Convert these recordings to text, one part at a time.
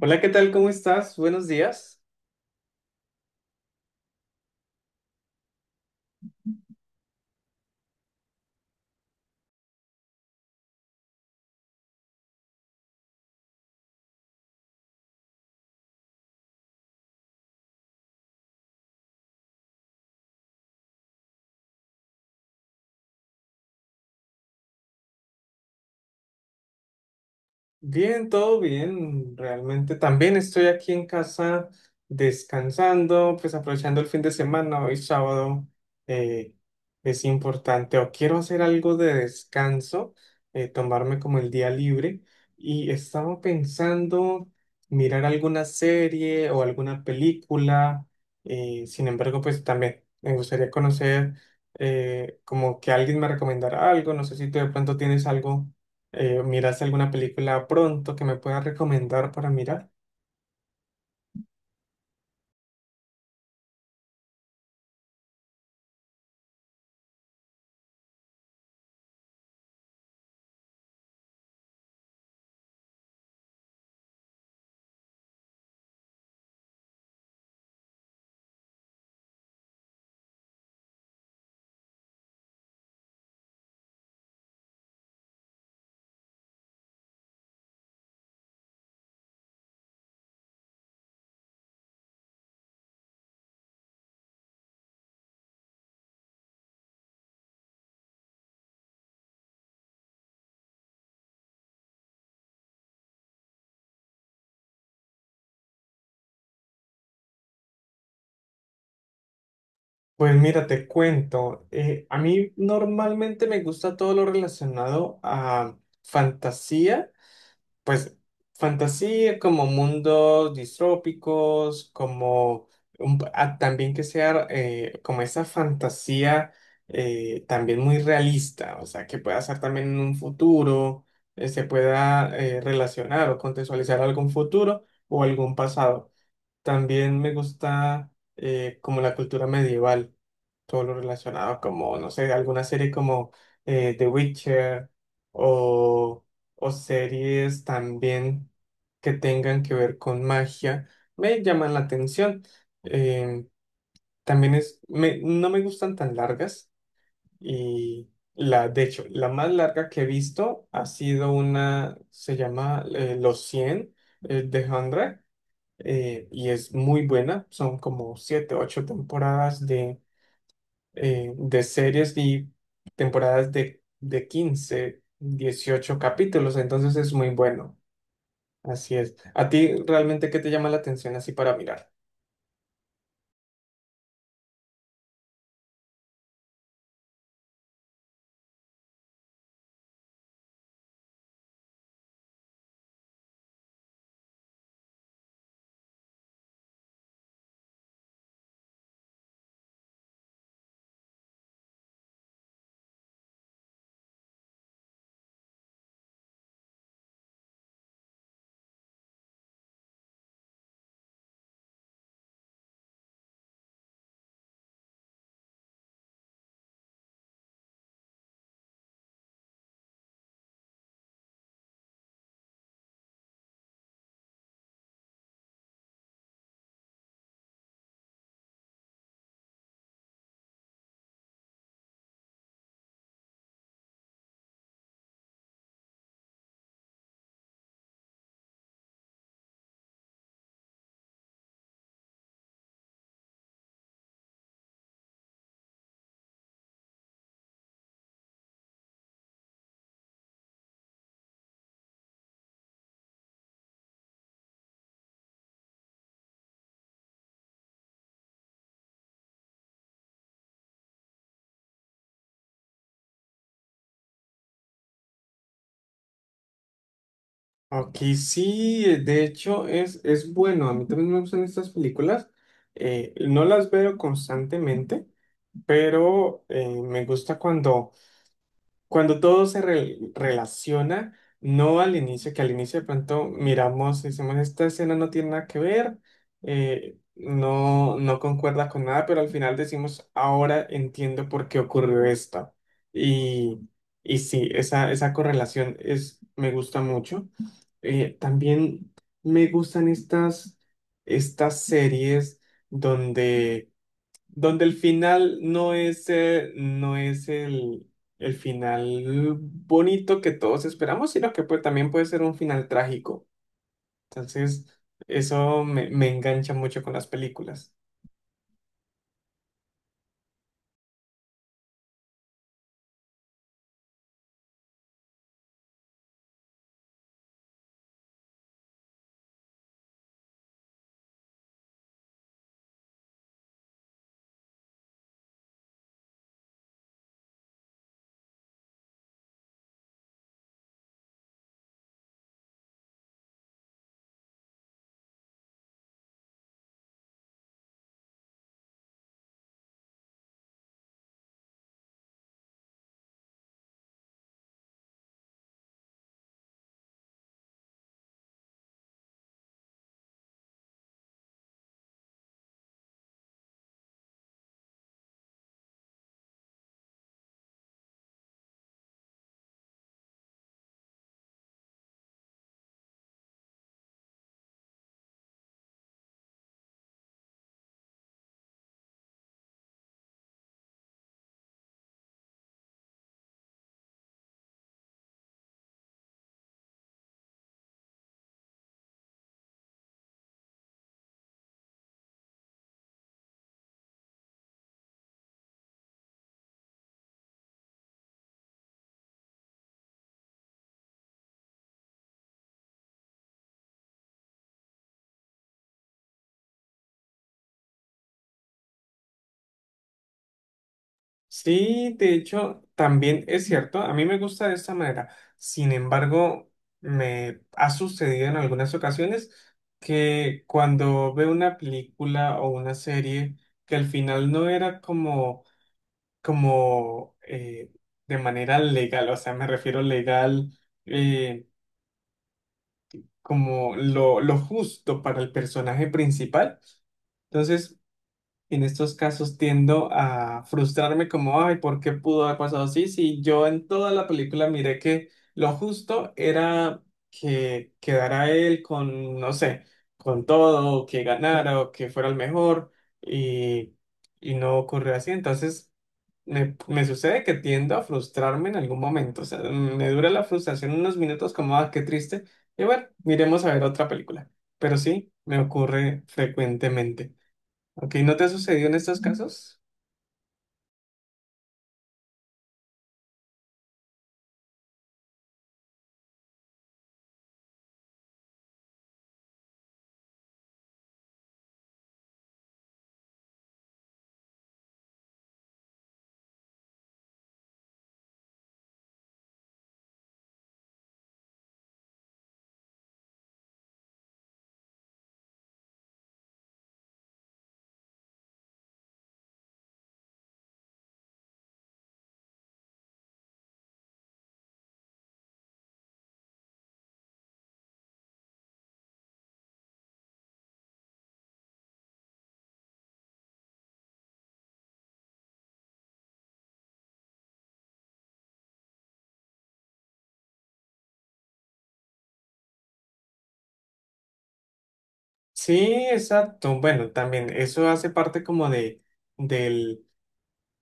Hola, ¿qué tal? ¿Cómo estás? Buenos días. Bien, todo bien, realmente también estoy aquí en casa descansando, pues aprovechando el fin de semana, hoy sábado, eh, es importante o quiero hacer algo de descanso, tomarme como el día libre y estaba pensando mirar alguna serie o alguna película. Sin embargo, pues también me gustaría conocer, como que alguien me recomendara algo. No sé si tú de pronto tienes algo. ¿Miraste alguna película pronto que me puedas recomendar para mirar? Pues mira, te cuento. A mí normalmente me gusta todo lo relacionado a fantasía, pues fantasía como mundos distrópicos, como un también que sea, como esa fantasía, también muy realista, o sea, que pueda ser también en un futuro, se pueda relacionar o contextualizar algún futuro o algún pasado. También me gusta, como la cultura medieval, todo lo relacionado como, no sé, alguna serie como The Witcher, o, o series también que tengan que ver con magia, me llaman la atención. Eh, También es, no me gustan tan largas y la, de hecho, la más larga que he visto ha sido una, se llama Los cien, The 100, y es muy buena. Son como siete, ocho temporadas de series y temporadas de 15 18 capítulos. Entonces es muy bueno. Así es. ¿A ti realmente qué te llama la atención así para mirar? Ok, sí, de hecho es bueno. A mí también me gustan estas películas. No las veo constantemente, pero me gusta cuando, cuando todo relaciona, no al inicio, que al inicio de pronto miramos y decimos, esta escena no tiene nada que ver, no, no concuerda con nada, pero al final decimos, ahora entiendo por qué ocurrió esto. Y, y sí, esa correlación es, me gusta mucho. También me gustan estas, estas series donde el final no es, no es el final bonito que todos esperamos, sino que, pues, también puede ser un final trágico. Entonces, eso me, me engancha mucho con las películas. Sí, de hecho, también es cierto, a mí me gusta de esta manera. Sin embargo, me ha sucedido en algunas ocasiones que cuando veo una película o una serie que al final no era como, como, de manera legal, o sea, me refiero legal, eh, como lo justo para el personaje principal. Entonces en estos casos tiendo a frustrarme como, ay, ¿por qué pudo haber pasado así? Si yo en toda la película miré que lo justo era que quedara él con, no sé, con todo, o que ganara o que fuera el mejor y, y no ocurrió así. Entonces me sucede que tiendo a frustrarme en algún momento. O sea, me dura la frustración unos minutos como, ah, qué triste. Y bueno, miremos a ver otra película. Pero sí, me ocurre frecuentemente. Ok, ¿no te ha sucedido en estos casos? Sí, exacto. Bueno, también eso hace parte como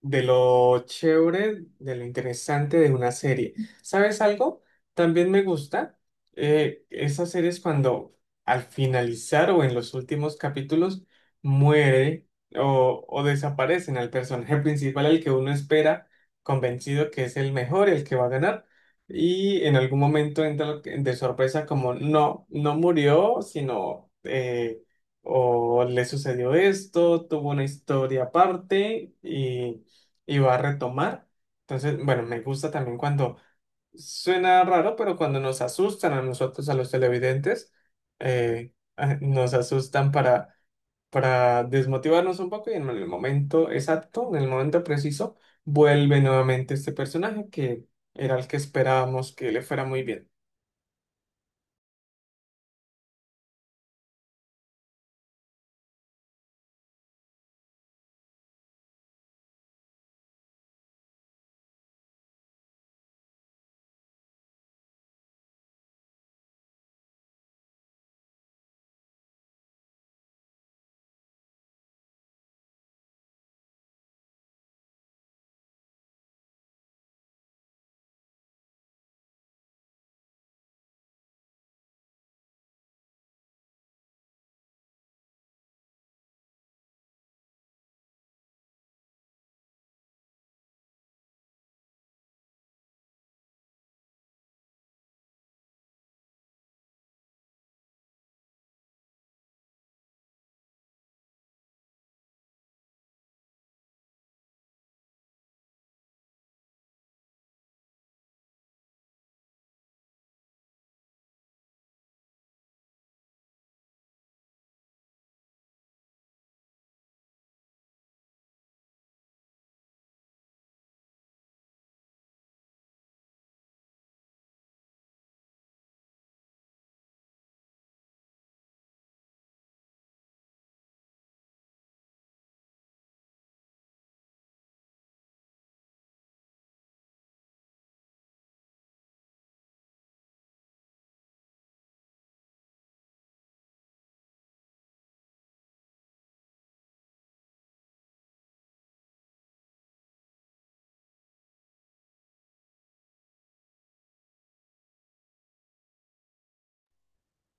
de lo chévere, de lo interesante de una serie. ¿Sabes algo? También me gusta, esas series cuando al finalizar o en los últimos capítulos muere o desaparecen al personaje principal, al que uno espera convencido que es el mejor, el que va a ganar. Y en algún momento entra de sorpresa como no, no murió, sino, o le sucedió esto, tuvo una historia aparte y va a retomar. Entonces, bueno, me gusta también cuando suena raro, pero cuando nos asustan a nosotros, a los televidentes, ah, nos asustan para desmotivarnos un poco y en el momento exacto, en el momento preciso, vuelve nuevamente este personaje que era el que esperábamos que le fuera muy bien.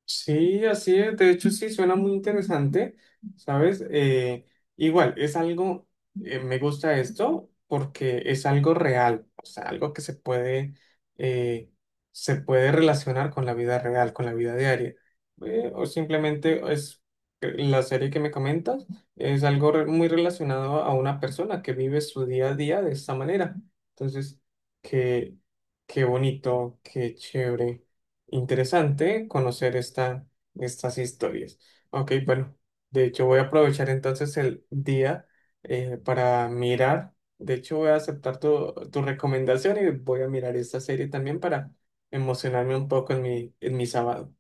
Sí, así es. De hecho, sí, suena muy interesante, ¿sabes? Igual, es algo, me gusta esto porque es algo real, o sea, algo que eh, se puede relacionar con la vida real, con la vida diaria. O simplemente es, la serie que me comentas, es algo muy relacionado a una persona que vive su día a día de esta manera. Entonces, qué, qué bonito, qué chévere. Interesante conocer esta, estas historias. Ok, bueno, de hecho voy a aprovechar entonces el día, para mirar. De hecho voy a aceptar tu, tu recomendación y voy a mirar esta serie también para emocionarme un poco en mi sábado.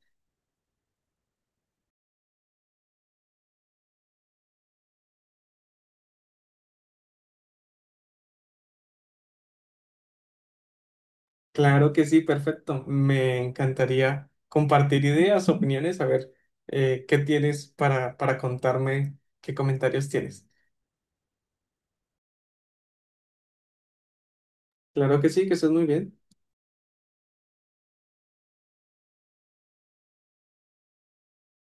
Claro que sí, perfecto. Me encantaría compartir ideas, opiniones, a ver, qué tienes para contarme, qué comentarios tienes. Claro que sí, que estés muy bien.